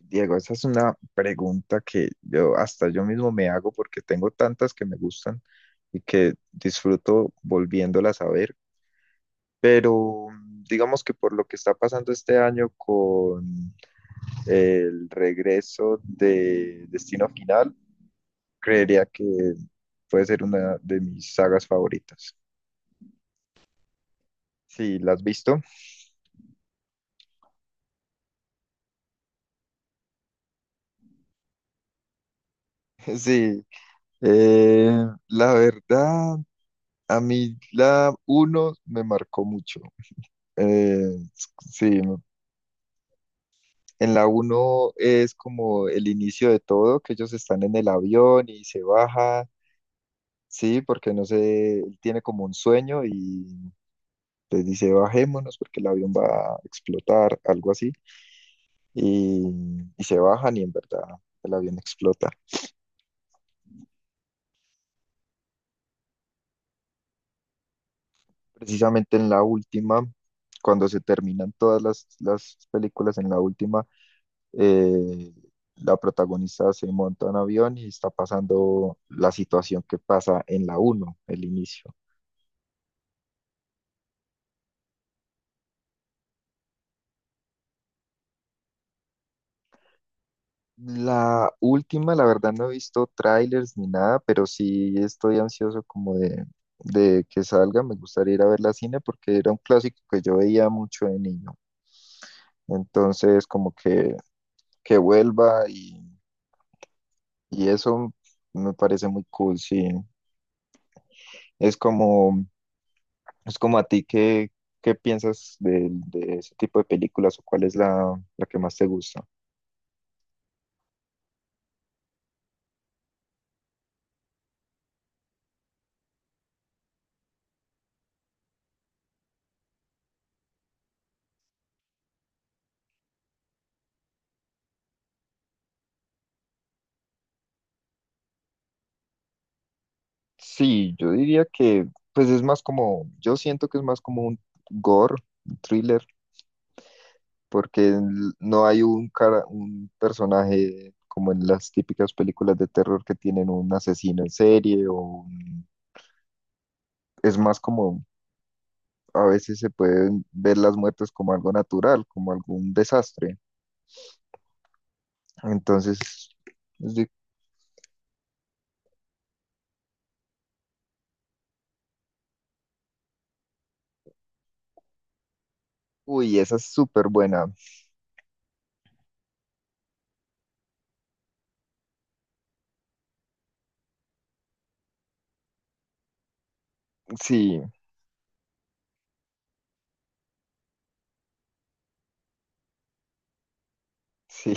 Diego, esa es una pregunta que yo hasta yo mismo me hago porque tengo tantas que me gustan y que disfruto volviéndolas a ver, pero digamos que por lo que está pasando este año con el regreso de Destino Final, creería que puede ser una de mis sagas favoritas. Sí, ¿la has visto? Sí, eh, la verdad, a mí la uno me marcó mucho. Eh, sí. En la uno es como el inicio de todo, que ellos están en el avión y se baja, sí, porque no sé, él tiene como un sueño y les dice bajémonos porque el avión va a explotar, algo así, y, y se bajan y en verdad el avión explota. Precisamente en la última, cuando se terminan todas las películas, en la última, eh, la protagonista se monta en avión y está pasando la situación que pasa en la uno, el inicio. La última, la verdad, no he visto trailers ni nada, pero sí estoy ansioso como de que salga. Me gustaría ir a ver la cine porque era un clásico que yo veía mucho de niño. Entonces, como que vuelva y eso me parece muy cool, sí. Es como, es como a ti, ¿qué, qué piensas de ese tipo de películas o cuál es la que más te gusta? Sí, yo diría que, pues es más como, yo siento que es más como un gore, un thriller, porque no hay un cara, un personaje como en las típicas películas de terror que tienen un asesino en serie o un- es más como a veces se pueden ver las muertes como algo natural, como algún desastre. Entonces, es de- uy, esa es súper buena. Sí, sí.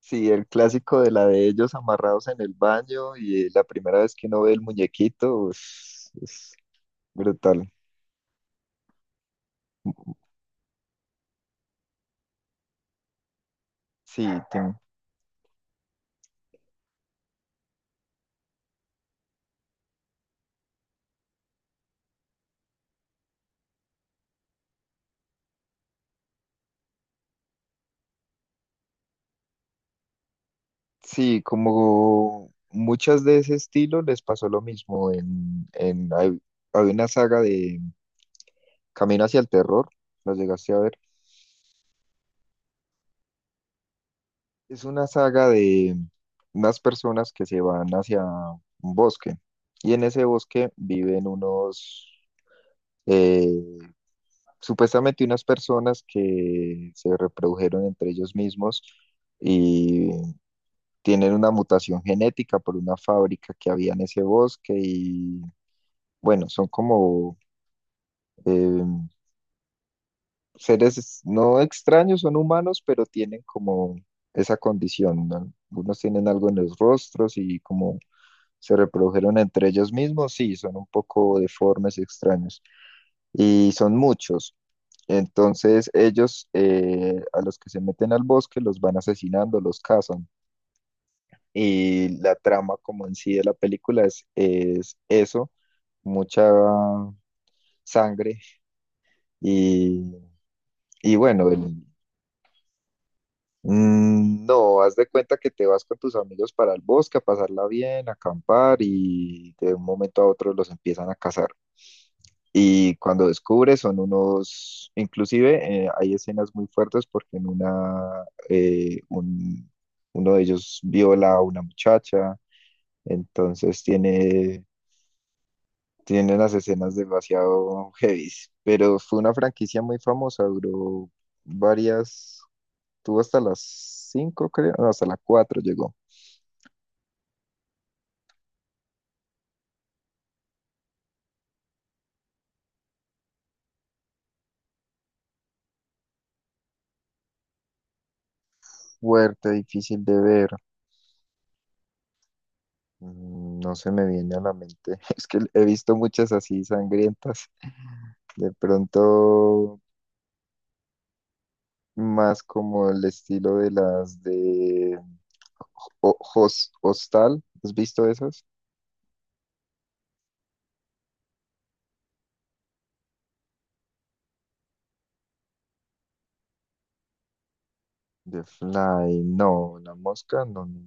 Sí, el clásico de la de ellos amarrados en el baño y la primera vez que uno ve el muñequito es brutal. Sí, sí, como muchas de ese estilo les pasó lo mismo en hay, hay una saga de Camino hacia el terror, ¿lo llegaste a ver? Es una saga de unas personas que se van hacia un bosque y en ese bosque viven unos eh, supuestamente unas personas que se reprodujeron entre ellos mismos y tienen una mutación genética por una fábrica que había en ese bosque y bueno, son como eh, seres no extraños, son humanos, pero tienen como esa condición, ¿no? Algunos tienen algo en los rostros y como se reprodujeron entre ellos mismos, sí, son un poco deformes y extraños. Y son muchos. Entonces ellos a los que se meten al bosque los van asesinando, los cazan. Y la trama como en sí de la película es eso, mucha sangre y, y bueno, el, no, haz de cuenta que te vas con tus amigos para el bosque a pasarla bien, a acampar y de un momento a otro los empiezan a cazar. Y cuando descubre son unos, inclusive hay escenas muy fuertes porque en una, uno de ellos viola a una muchacha, entonces tiene, tiene las escenas demasiado heavy, pero fue una franquicia muy famosa, duró varias, tuvo hasta las cinco creo, no, hasta las cuatro llegó. Fuerte, difícil de ver. No se me viene a la mente, es que he visto muchas así sangrientas. De pronto más como el estilo de las de Hostal. ¿Has visto esas? The Fly, no, la mosca, no. No.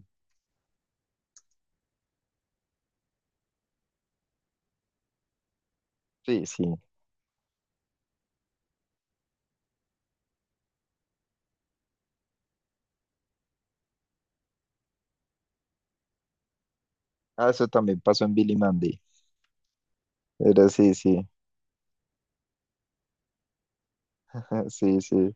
Sí, sí. Ah, eso también pasó en Billy Mandy. Pero sí, sí, sí, sí.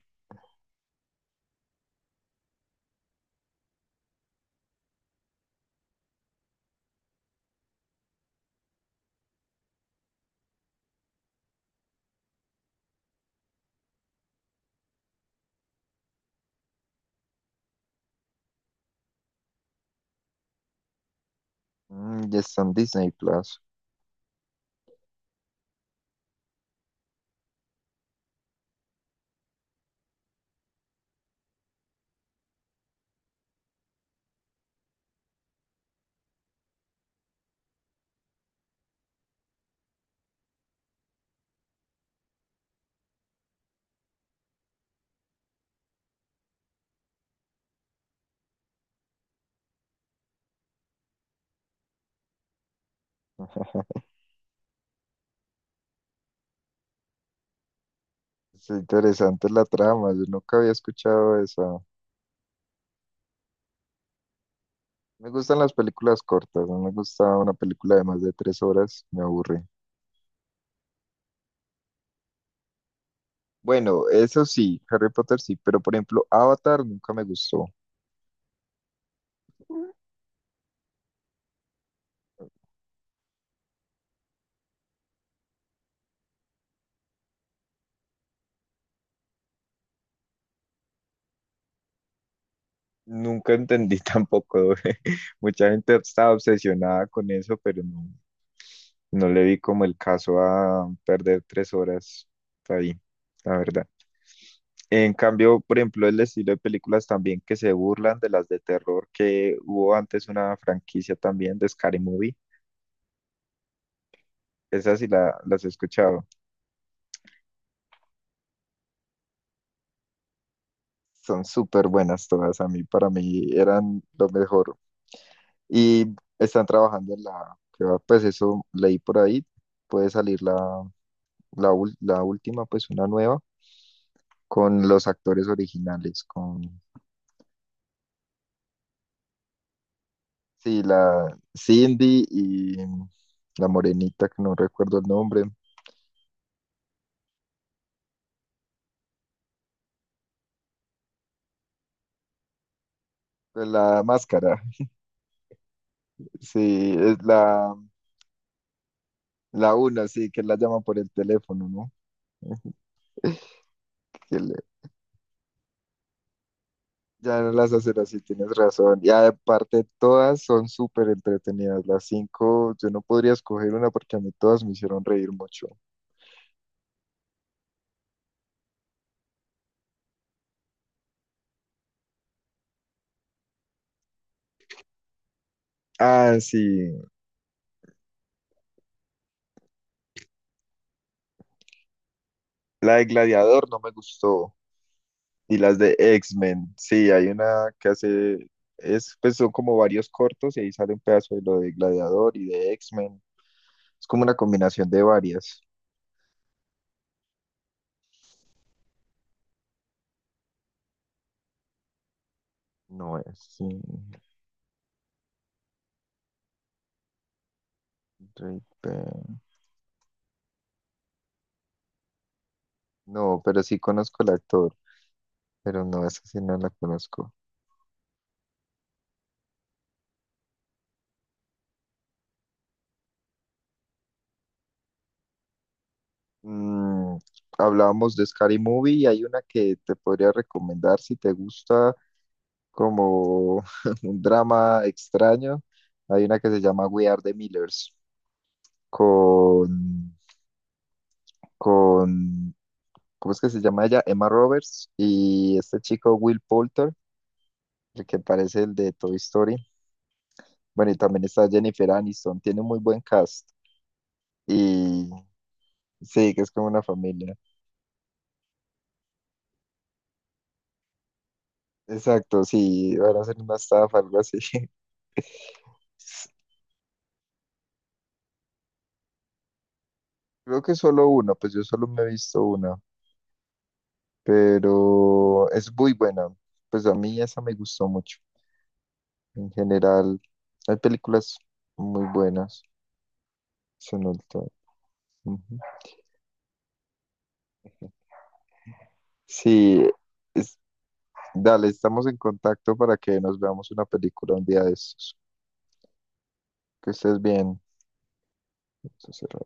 Y está en Disney Plus. Es interesante la trama, yo nunca había escuchado esa. Me gustan las películas cortas, no me gusta una película de más de 3 horas, me aburre. Bueno, eso sí, Harry Potter sí, pero por ejemplo, Avatar nunca me gustó. Nunca entendí tampoco. Mucha gente estaba obsesionada con eso, pero no, no le vi como el caso a perder 3 horas ahí, la verdad. En cambio, por ejemplo, el estilo de películas también que se burlan de las de terror, que hubo antes una franquicia también de Scary Movie, esas sí las he escuchado. Son súper buenas todas, a mí, para mí eran lo mejor. Y están trabajando en la, que va, pues eso leí por ahí, puede salir la la última, pues una nueva, con los actores originales, con, sí, la Cindy y la morenita, que no recuerdo el nombre, pues la máscara, sí, es la, la una, sí, que la llama por el teléfono, ¿no? Que le- ya no las hacen así, tienes razón. Y aparte, todas son súper entretenidas, las cinco, yo no podría escoger una porque a mí todas me hicieron reír mucho. Ah, sí, la de Gladiador no me gustó. Y las de X-Men, sí, hay una que hace, es, pues son como varios cortos y ahí sale un pedazo de lo de Gladiador y de X-Men. Es como una combinación de varias. No es, sí, Drake Bell. No, pero sí conozco al actor, pero no, esa sí no la conozco. Mm, hablábamos de Scary Movie y hay una que te podría recomendar si te gusta como un drama extraño. Hay una que se llama We Are the Millers con con, ¿cómo es que se llama ella? Emma Roberts y este chico Will Poulter, el que parece el de Toy Story. Bueno, y también está Jennifer Aniston, tiene un muy buen cast. Y sí, que es como una familia. Exacto, sí, van a hacer una estafa, algo así. Creo que solo uno, pues yo solo me he visto una, pero es muy buena. Pues a mí esa me gustó mucho. En general, hay películas muy buenas. Son ultra- ujú. Sí, dale, estamos en contacto para que nos veamos una película un día de estos. Que estés bien. Entonces,